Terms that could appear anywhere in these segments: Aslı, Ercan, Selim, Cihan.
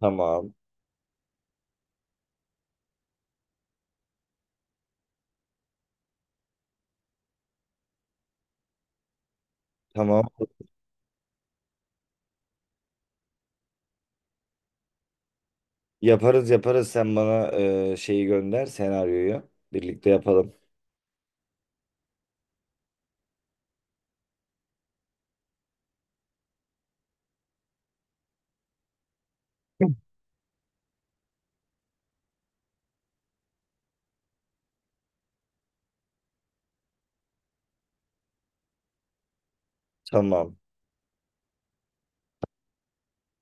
Tamam. Tamam. Yaparız. Sen bana şeyi gönder senaryoyu. Birlikte yapalım. Tamam.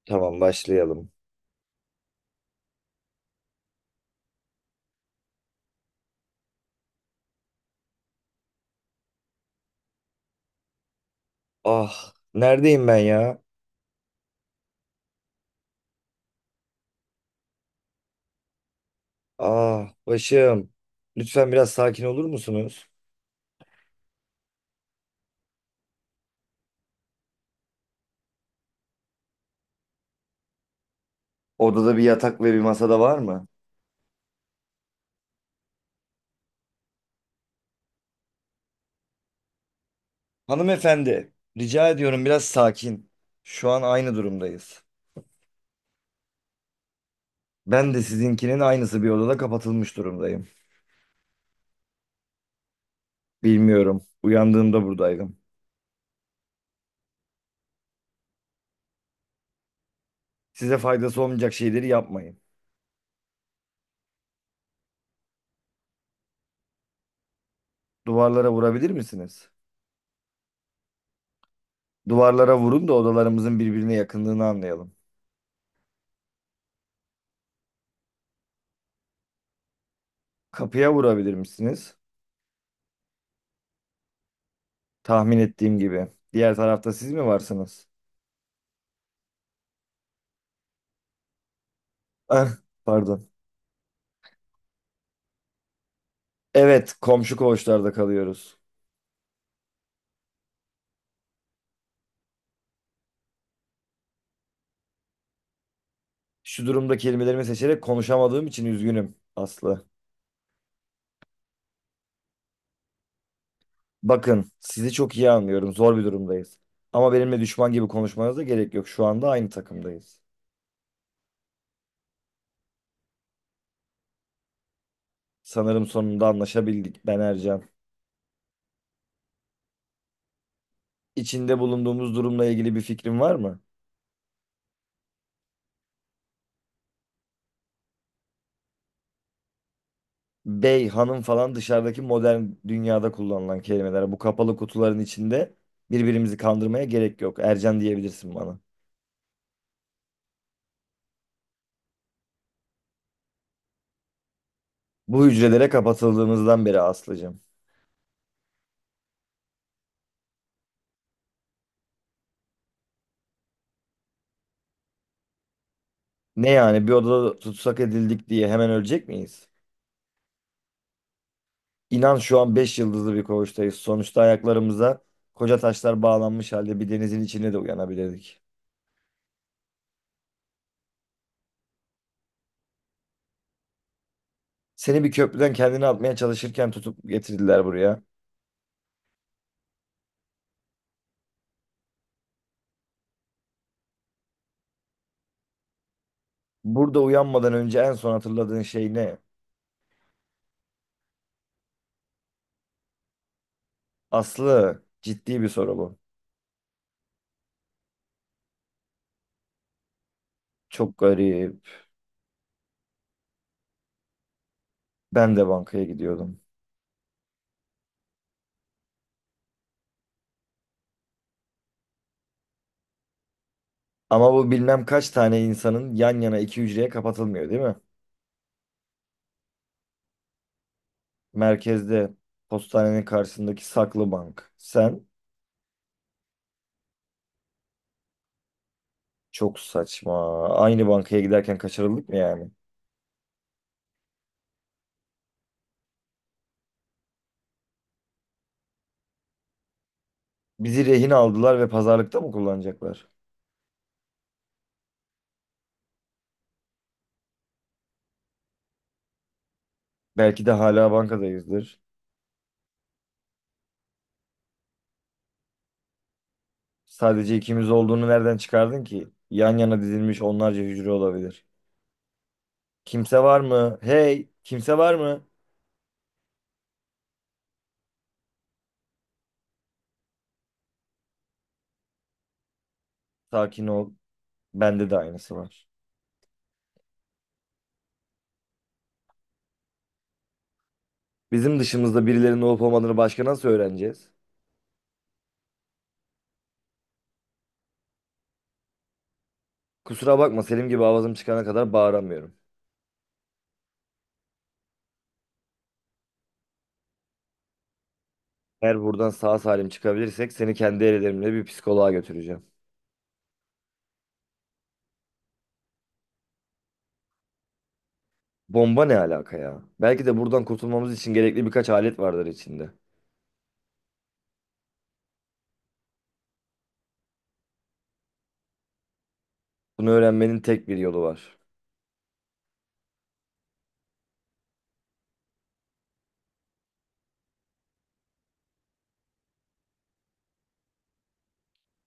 Tamam başlayalım. Ah neredeyim ben ya? Ah başım. Lütfen biraz sakin olur musunuz? Odada bir yatak ve bir masada var mı? Hanımefendi, rica ediyorum biraz sakin. Şu an aynı durumdayız. Ben de sizinkinin aynısı bir odada kapatılmış durumdayım. Bilmiyorum. Uyandığımda buradaydım. Size faydası olmayacak şeyleri yapmayın. Duvarlara vurabilir misiniz? Duvarlara vurun da odalarımızın birbirine yakınlığını anlayalım. Kapıya vurabilir misiniz? Tahmin ettiğim gibi. Diğer tarafta siz mi varsınız? Ah, pardon. Evet, komşu koğuşlarda kalıyoruz. Şu durumda kelimelerimi seçerek konuşamadığım için üzgünüm Aslı. Bakın, sizi çok iyi anlıyorum. Zor bir durumdayız. Ama benimle düşman gibi konuşmanıza gerek yok. Şu anda aynı takımdayız. Sanırım sonunda anlaşabildik. Ben Ercan. İçinde bulunduğumuz durumla ilgili bir fikrin var mı? Bey, hanım falan dışarıdaki modern dünyada kullanılan kelimeler. Bu kapalı kutuların içinde birbirimizi kandırmaya gerek yok. Ercan diyebilirsin bana. Bu hücrelere kapatıldığımızdan beri Aslı'cığım. Ne yani, bir odada tutsak edildik diye hemen ölecek miyiz? İnan şu an 5 yıldızlı bir koğuştayız. Sonuçta ayaklarımıza koca taşlar bağlanmış halde bir denizin içinde de uyanabilirdik. Seni bir köprüden kendini atmaya çalışırken tutup getirdiler buraya. Burada uyanmadan önce en son hatırladığın şey ne? Aslı, ciddi bir soru bu. Çok garip. Ben de bankaya gidiyordum. Ama bu bilmem kaç tane insanın yan yana iki hücreye kapatılmıyor değil mi? Merkezde postanenin karşısındaki saklı bank. Sen? Çok saçma. Aynı bankaya giderken kaçırıldık mı yani? Bizi rehin aldılar ve pazarlıkta mı kullanacaklar? Belki de hala bankadayızdır. Sadece ikimiz olduğunu nereden çıkardın ki? Yan yana dizilmiş onlarca hücre olabilir. Kimse var mı? Hey, kimse var mı? Sakin ol. Bende de aynısı var. Bizim dışımızda birilerinin olup olmadığını başka nasıl öğreneceğiz? Kusura bakma, Selim gibi avazım çıkana kadar bağıramıyorum. Eğer buradan sağ salim çıkabilirsek seni kendi ellerimle bir psikoloğa götüreceğim. Bomba ne alaka ya? Belki de buradan kurtulmamız için gerekli birkaç alet vardır içinde. Bunu öğrenmenin tek bir yolu var.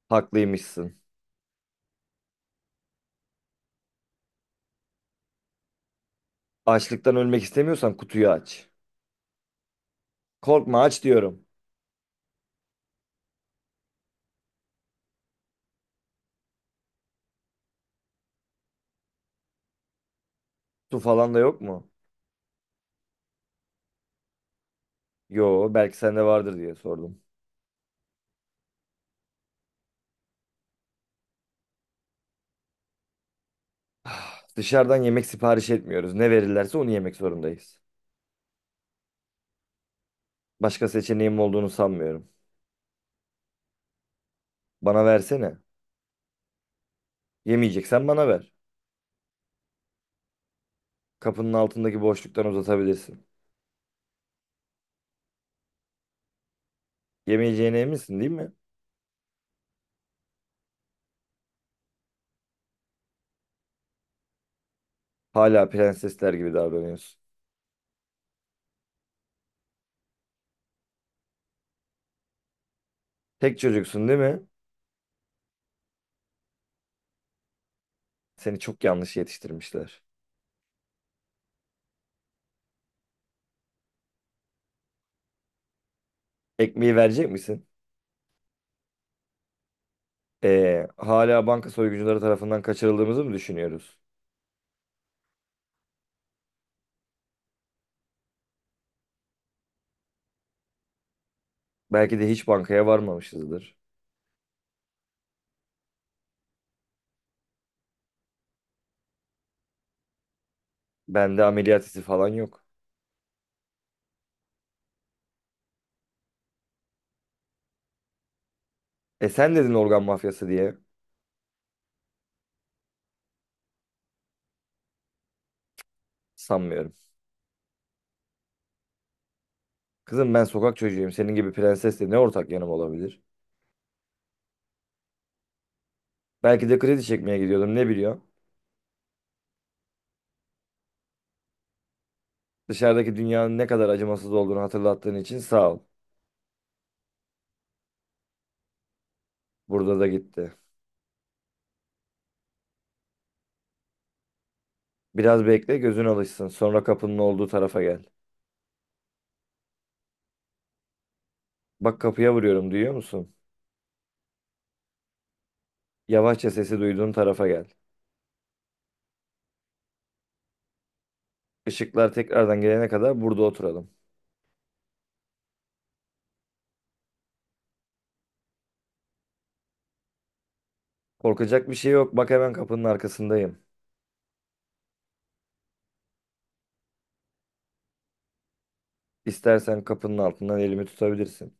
Haklıymışsın. Açlıktan ölmek istemiyorsan kutuyu aç. Korkma, aç diyorum. Su falan da yok mu? Yo, belki sende vardır diye sordum. Ah, dışarıdan yemek sipariş etmiyoruz. Ne verirlerse onu yemek zorundayız. Başka seçeneğim olduğunu sanmıyorum. Bana versene. Yemeyeceksen bana ver. Kapının altındaki boşluktan uzatabilirsin. Yemeyeceğine eminsin değil mi? Hala prensesler gibi davranıyorsun. Tek çocuksun değil mi? Seni çok yanlış yetiştirmişler. Ekmeği verecek misin? Hala banka soyguncuları tarafından kaçırıldığımızı mı düşünüyoruz? Belki de hiç bankaya varmamışızdır. Bende ameliyat izi falan yok. E sen dedin organ mafyası diye. Sanmıyorum. Kızım ben sokak çocuğuyum. Senin gibi prensesle ne ortak yanım olabilir? Belki de kredi çekmeye gidiyordum ne biliyor. Dışarıdaki dünyanın ne kadar acımasız olduğunu hatırlattığın için sağ ol. Burada da gitti. Biraz bekle gözün alışsın. Sonra kapının olduğu tarafa gel. Bak kapıya vuruyorum, duyuyor musun? Yavaşça sesi duyduğun tarafa gel. Işıklar tekrardan gelene kadar burada oturalım. Korkacak bir şey yok. Bak hemen kapının arkasındayım. İstersen kapının altından elimi tutabilirsin.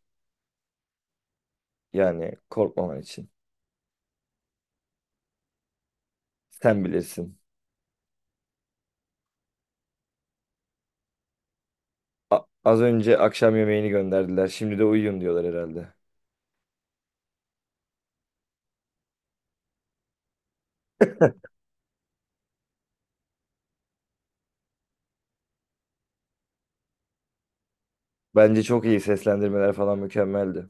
Yani korkmaman için. Sen bilirsin. Az önce akşam yemeğini gönderdiler. Şimdi de uyuyun diyorlar herhalde. Bence çok iyi, seslendirmeler falan mükemmeldi.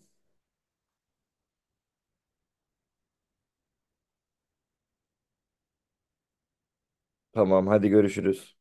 Tamam, hadi görüşürüz.